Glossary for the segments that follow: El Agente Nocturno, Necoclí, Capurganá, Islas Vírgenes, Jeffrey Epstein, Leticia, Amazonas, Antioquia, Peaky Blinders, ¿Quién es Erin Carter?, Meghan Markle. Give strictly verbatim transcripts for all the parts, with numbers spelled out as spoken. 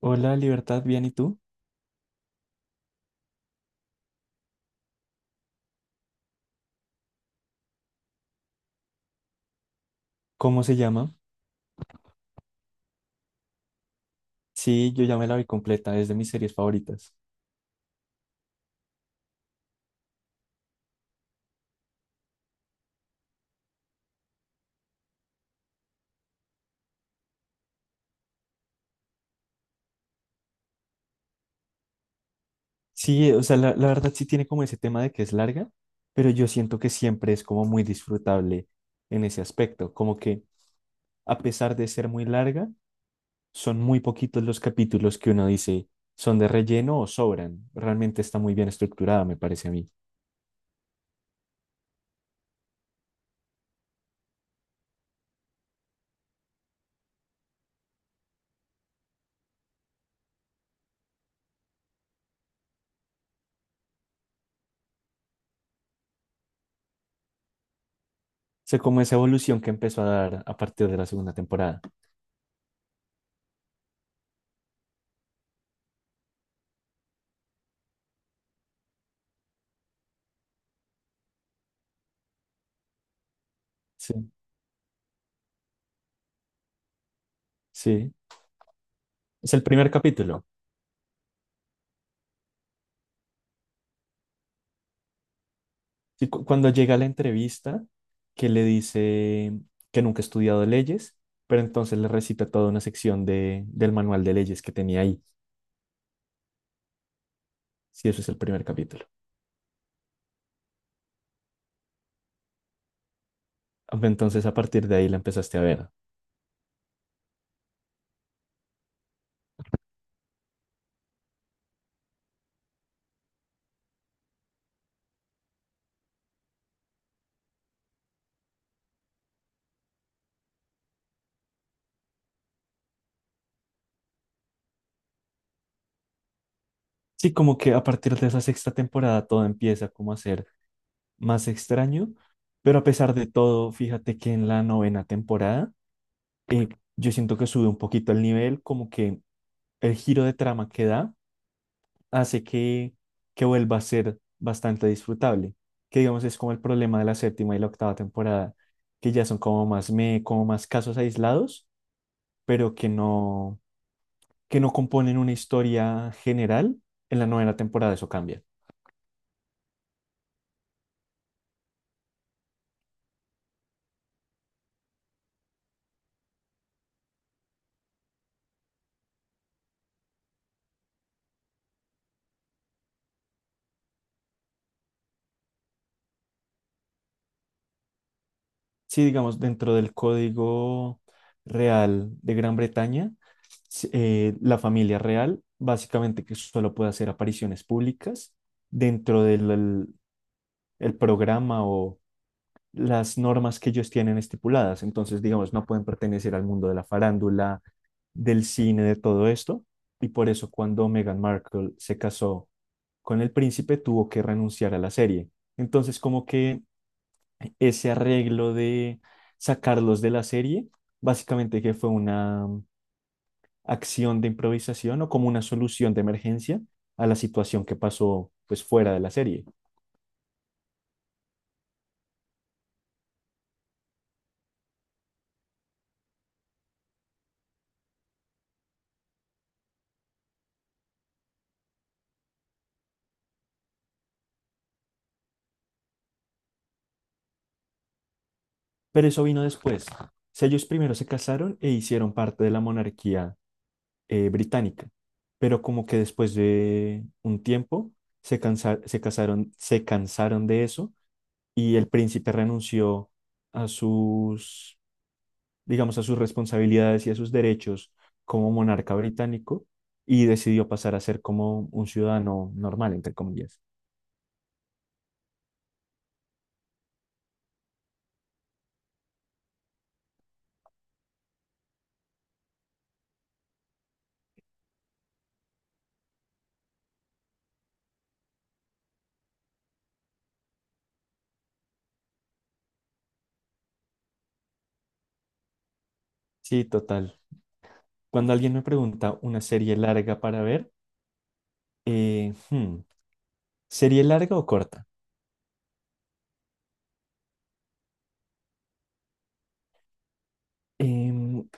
Hola, Libertad, bien, ¿y tú? ¿Cómo se llama? Sí, yo ya me la vi completa, es de mis series favoritas. Sí, o sea, la, la verdad sí tiene como ese tema de que es larga, pero yo siento que siempre es como muy disfrutable en ese aspecto, como que a pesar de ser muy larga, son muy poquitos los capítulos que uno dice son de relleno o sobran. Realmente está muy bien estructurada, me parece a mí. O como esa evolución que empezó a dar a partir de la segunda temporada. Sí, sí. Es el primer capítulo. Sí, cu- cuando llega a la entrevista, que le dice que nunca ha estudiado leyes, pero entonces le recita toda una sección de, del manual de leyes que tenía ahí. Sí, eso es el primer capítulo. Ah, entonces, a partir de ahí la empezaste a ver. Sí, como que a partir de esa sexta temporada todo empieza como a ser más extraño, pero a pesar de todo, fíjate que en la novena temporada eh, yo siento que sube un poquito el nivel, como que el giro de trama que da hace que, que vuelva a ser bastante disfrutable, que digamos es como el problema de la séptima y la octava temporada, que ya son como más, me, como más casos aislados, pero que no, que no componen una historia general. En la novena temporada eso cambia. Sí, digamos, dentro del código real de Gran Bretaña, s- eh, la familia real básicamente que solo puede hacer apariciones públicas dentro del el- el programa o las normas que ellos tienen estipuladas. Entonces, digamos, no pueden pertenecer al mundo de la farándula, del cine, de todo esto. Y por eso cuando Meghan Markle se casó con el príncipe, tuvo que renunciar a la serie. Entonces, como que ese arreglo de sacarlos de la serie, básicamente que fue una acción de improvisación o como una solución de emergencia a la situación que pasó pues fuera de la serie. Pero eso vino después. O sea, ellos primero se casaron e hicieron parte de la monarquía eh, británica, pero como que después de un tiempo se cansa- se casaron, se cansaron de eso y el príncipe renunció a sus, digamos, a sus responsabilidades y a sus derechos como monarca británico y decidió pasar a ser como un ciudadano normal, entre comillas. Sí, total. Cuando alguien me pregunta una serie larga para ver, eh, hmm, ¿serie larga o corta? Em,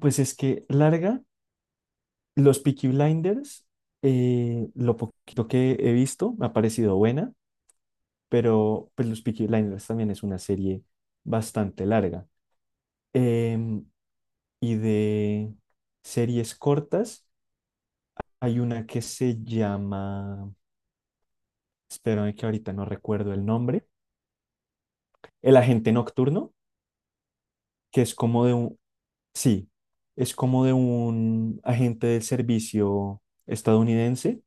pues es que larga Los Peaky Blinders, eh, lo poquito que he visto, me ha parecido buena, pero pues los Peaky Blinders también es una serie bastante larga. Em, y de series cortas, hay una que se llama, espérame que ahorita no recuerdo el nombre, El Agente Nocturno, que es como de un, sí, es como de un agente del servicio estadounidense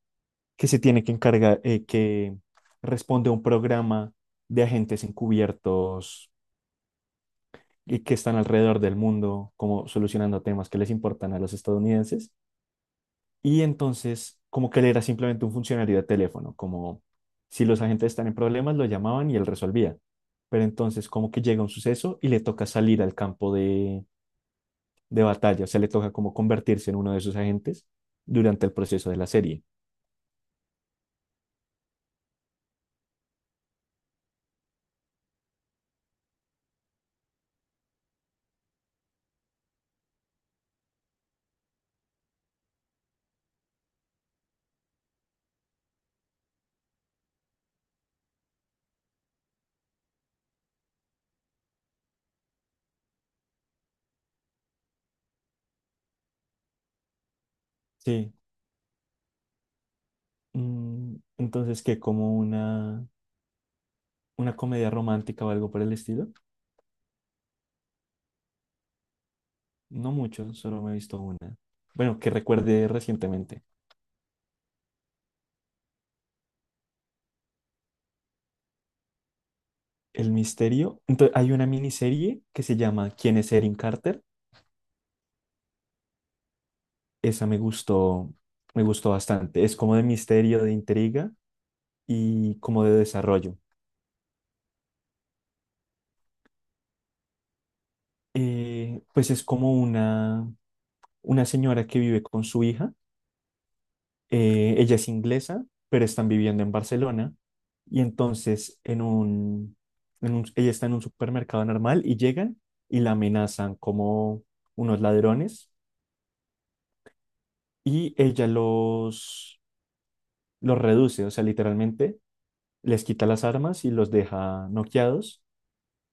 que se tiene que encargar, eh, que responde a un programa de agentes encubiertos y que están alrededor del mundo, como solucionando temas que les importan a los estadounidenses. Y entonces, como que él era simplemente un funcionario de teléfono, como si los agentes están en problemas, lo llamaban y él resolvía. Pero entonces, como que llega un suceso y le toca salir al campo de, de batalla, o sea, le toca como convertirse en uno de esos agentes durante el proceso de la serie. Sí. Mm, entonces, que como una una comedia romántica o algo por el estilo? No mucho, solo me he visto una. Bueno, que recuerde recientemente. El misterio. Entonces, hay una miniserie que se llama ¿Quién es Erin Carter? Esa me gustó, me gustó bastante. Es como de misterio, de intriga y como de desarrollo. Eh, pues es como una, una señora que vive con su hija. Eh, ella es inglesa, pero están viviendo en Barcelona. Y entonces en un, en un- ella está en un supermercado normal y llegan y la amenazan como unos ladrones y ella los, los reduce, o sea, literalmente les quita las armas y los deja noqueados.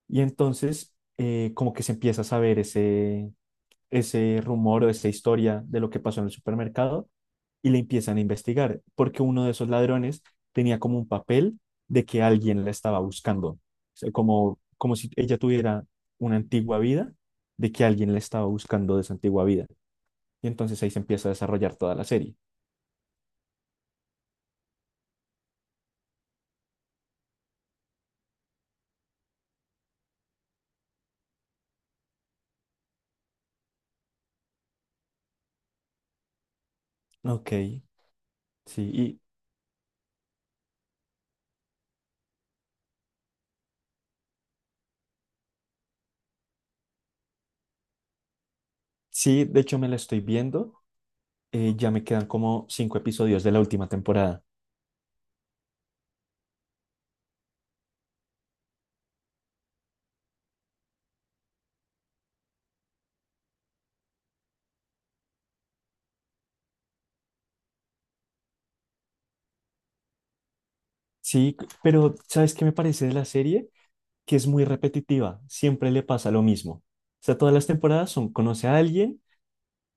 Y entonces eh, como que se empieza a saber ese, ese rumor o esa historia de lo que pasó en el supermercado y le empiezan a investigar, porque uno de esos ladrones tenía como un papel de que alguien la estaba buscando, o sea, como, como si ella tuviera una antigua vida, de que alguien la estaba buscando de esa antigua vida. Y entonces ahí se empieza a desarrollar toda la serie. Ok, sí. Y sí, de hecho me la estoy viendo, eh, ya me quedan como cinco episodios de la última temporada. Sí, c- pero ¿sabes qué me parece de la serie? Que es muy repetitiva, siempre le pasa lo mismo. O sea, todas las temporadas son, conoce a alguien,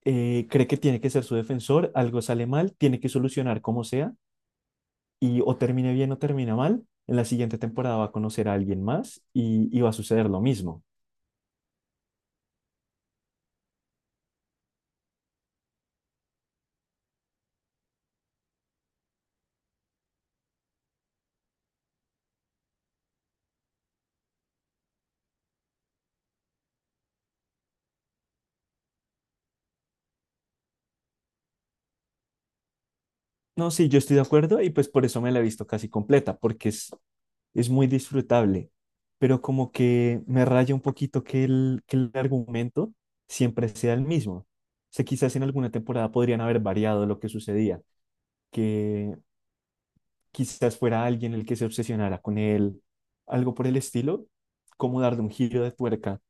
eh, cree que tiene que ser su defensor, algo sale mal, tiene que solucionar como sea, y o termine bien o termina mal, en la siguiente temporada va a conocer a alguien más y, y va a suceder lo mismo. No, sí, yo estoy de acuerdo y pues por eso me la he visto casi completa, porque es, es muy disfrutable, pero como que me raya un poquito que el, que el argumento siempre sea el mismo. O sea, quizás en alguna temporada podrían haber variado lo que sucedía que quizás fuera alguien el que se obsesionara con él, algo por el estilo, como darle un giro de tuerca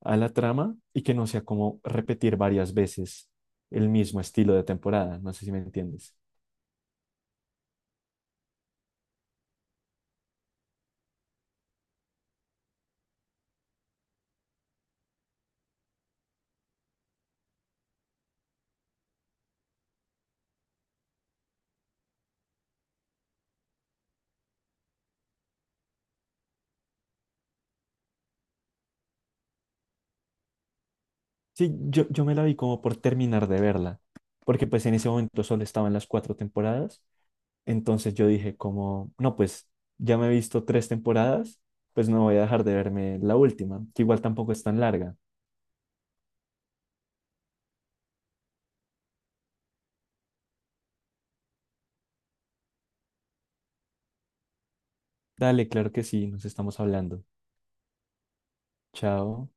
a la trama y que no sea como repetir varias veces el mismo estilo de temporada, no sé si me entiendes. Sí, yo, yo me la vi como por terminar de verla, porque pues en ese momento solo estaban las cuatro temporadas, entonces yo dije como, no, pues ya me he visto tres temporadas, pues no voy a dejar de verme la última, que igual tampoco es tan larga. Dale, claro que sí, nos estamos hablando. Chao.